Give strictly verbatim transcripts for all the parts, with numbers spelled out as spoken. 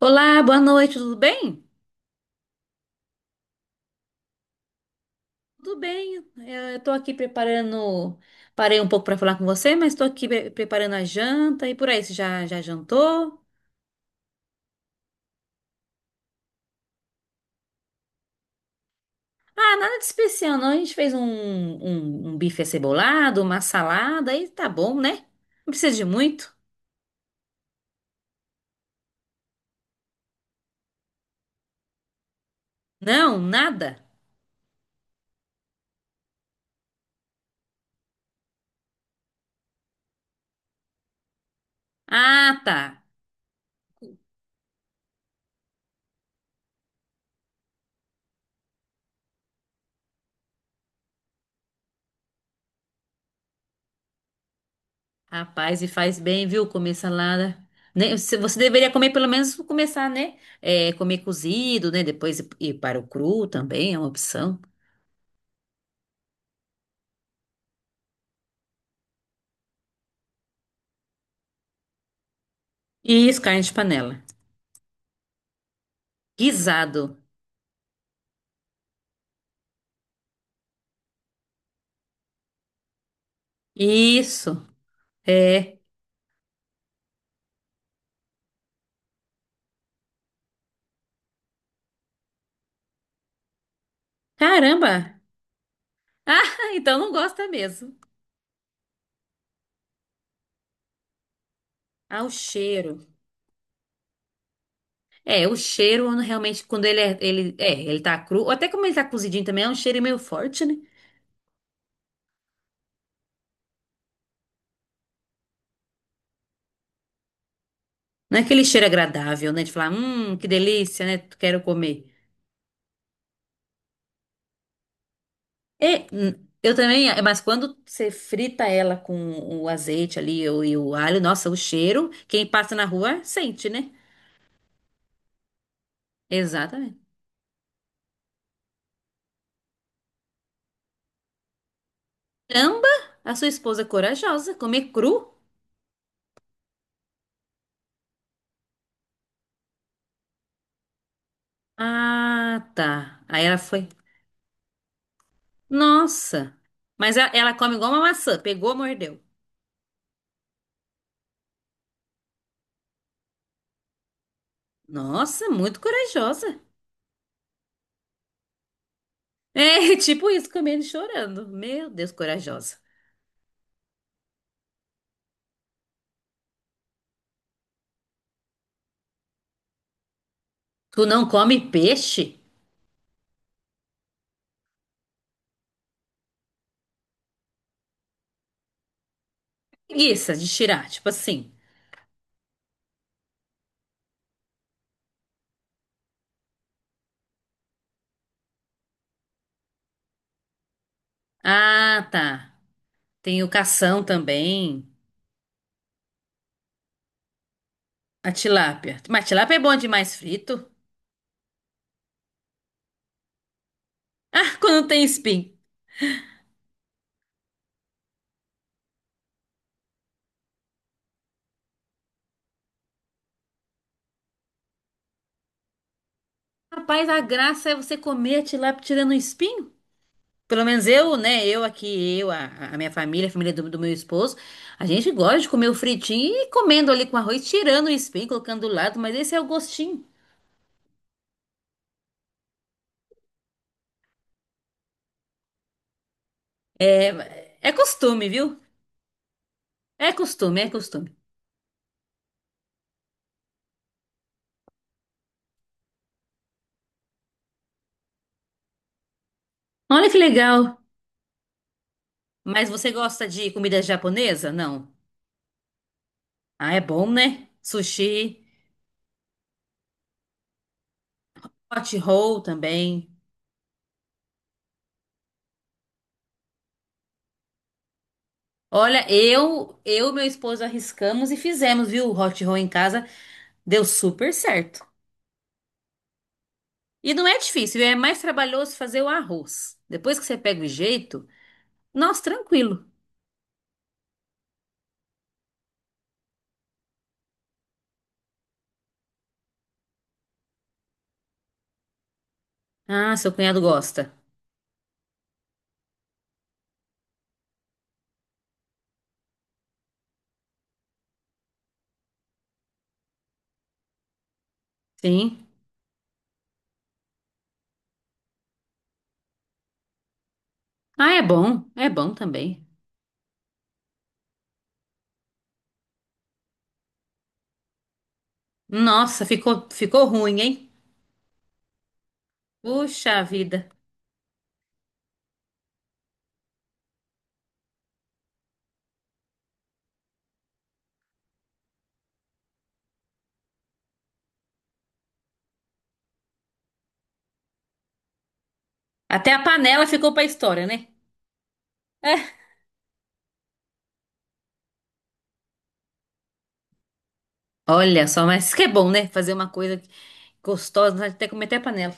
Olá, boa noite, tudo bem? Tudo bem, é, eu estou aqui preparando. Parei um pouco para falar com você, mas estou aqui pre- preparando a janta e por aí. Você já, já jantou? Ah, nada de especial, não. A gente fez um, um, um bife acebolado, uma salada e tá bom, né? Não precisa de muito. Não, nada. Ah, tá. Rapaz, e faz bem, viu, comer salada. Né, Você você deveria comer, pelo menos começar, né? É, comer cozido, né? Depois ir ir para o cru também é uma opção. Isso, carne de panela. Guisado. Isso. É. Caramba! Ah, então não gosta mesmo. Ah, o cheiro. É, o cheiro realmente, quando ele é, ele, é, ele tá cru, ou até como ele tá cozidinho também, é um cheiro meio forte, né? Não é aquele cheiro agradável, né? De falar, hum, que delícia, né? Quero comer. É, hum, eu também, é, mas quando você frita ela com o azeite ali e o e o alho, nossa, o cheiro, quem passa na rua sente, né? Exatamente. Caramba, a sua esposa é corajosa, comer cru? Ah, tá. Aí ela foi. Nossa. Mas ela, ela come igual uma maçã, pegou, mordeu. Nossa, muito corajosa. É, tipo isso, comendo e chorando. Meu Deus, corajosa. Tu não come peixe? Preguiça de tirar, tipo assim. Ah, tá. Tem o cação também. A tilápia. Mas tilápia é bom demais frito. Ah, quando tem espinho. Rapaz, a graça é você comer a tilápia tirando o espinho? Pelo menos eu, né? Eu aqui, eu, a, a minha família, a família do, do meu esposo, a gente gosta de comer o fritinho e comendo ali com arroz, tirando o espinho, colocando do lado, mas esse é o gostinho. É, é costume, viu? É costume, é costume. Olha que legal. Mas você gosta de comida japonesa? Não. Ah, é bom, né? Sushi, hot roll também. Olha, eu, eu e meu esposo arriscamos e fizemos, viu? O hot roll em casa deu super certo. E não é difícil, é mais trabalhoso fazer o arroz. Depois que você pega o jeito, nossa, tranquilo. Ah, seu cunhado gosta. Sim. Ah, é bom, é bom também. Nossa, ficou, ficou ruim, hein? Puxa vida. Até a panela ficou pra história, né? É. Olha só, mas isso que é bom, né? Fazer uma coisa gostosa, né? Até comer até a panela.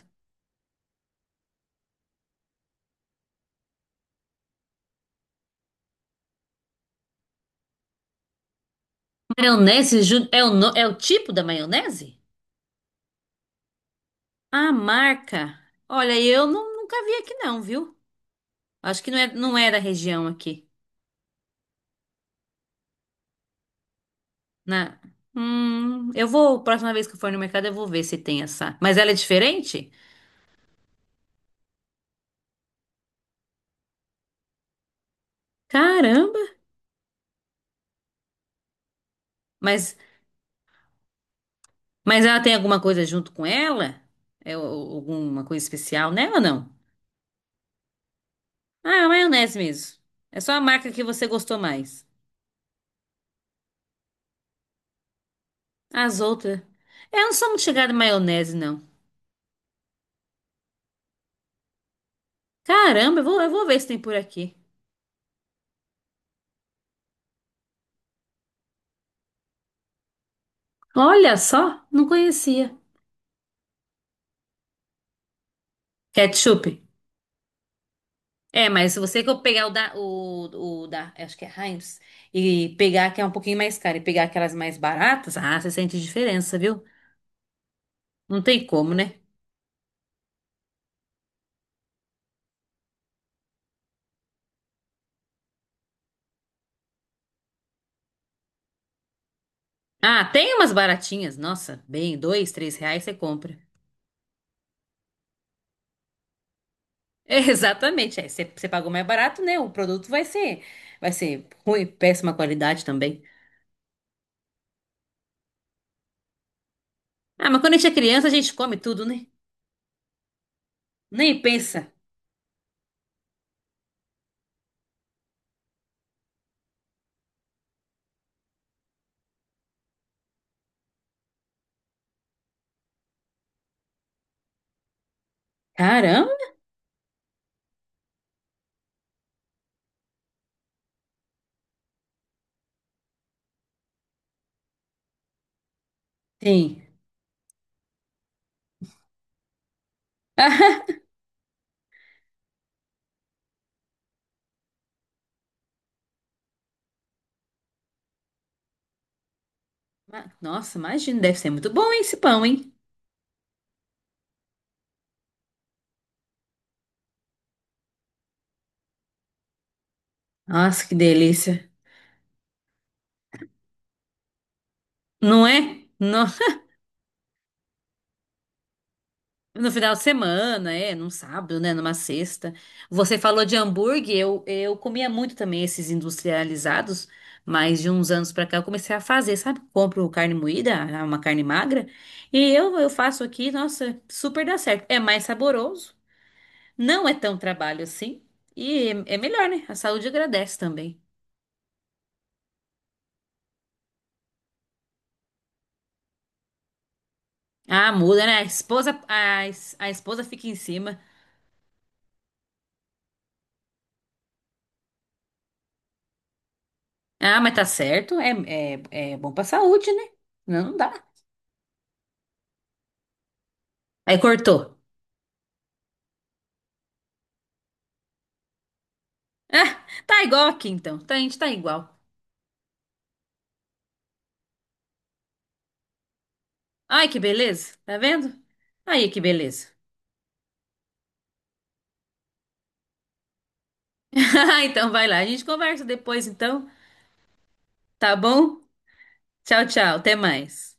Maionese ju- é o, no- é o tipo da maionese? A marca. Olha, eu não- nunca vi aqui não, viu? Acho que não é, não é da região aqui. Né? Hum, eu vou, próxima vez que eu for no mercado, eu vou ver se tem essa. Mas ela é diferente? Caramba! Mas, mas ela tem alguma coisa junto com ela? É o- alguma coisa especial nela ou não? Ah, é a maionese mesmo. É só a marca que você gostou mais. As outras. É, eu não sou muito chegada em maionese, não. Caramba, eu vou, eu vou ver se tem por aqui. Olha só, não conhecia. Ketchup? É, mas se você que eu pegar o da, o, o da, acho que é Heinz, e pegar que é um pouquinho mais caro e pegar aquelas mais baratas, ah, você sente diferença, viu? Não tem como, né? Ah, tem umas baratinhas, nossa, bem, dois, três reais você compra. Exatamente, é, você, você pagou mais barato, né? O produto vai ser, vai ser ruim, péssima qualidade também. Ah, mas quando a gente é criança, a gente come tudo, né? Nem pensa. Caramba, tem. Ma- Nossa, imagina, deve ser muito bom hein, esse pão, hein? Nossa, que delícia. Não é? No, no final de semana, é, num sábado, né, numa sexta. Você falou de hambúrguer, eu, eu comia muito também esses industrializados, mas de uns anos pra cá eu comecei a fazer, sabe? Compro carne moída, ah, uma carne magra, e eu, eu faço aqui, nossa, super dá certo. É mais saboroso, não é tão trabalho assim, e é, é melhor, né? A saúde agradece também. Ah, muda, né? A esposa, a, es- a esposa fica em cima. Ah, mas tá certo, é, é, é bom pra saúde, né? Não dá. Aí cortou. Ah, tá igual aqui então. Tá, a gente tá igual. Ai, que beleza. Tá vendo? Aí, que beleza. Então vai lá. A gente conversa depois então. Tá bom? Tchau, tchau. Até mais.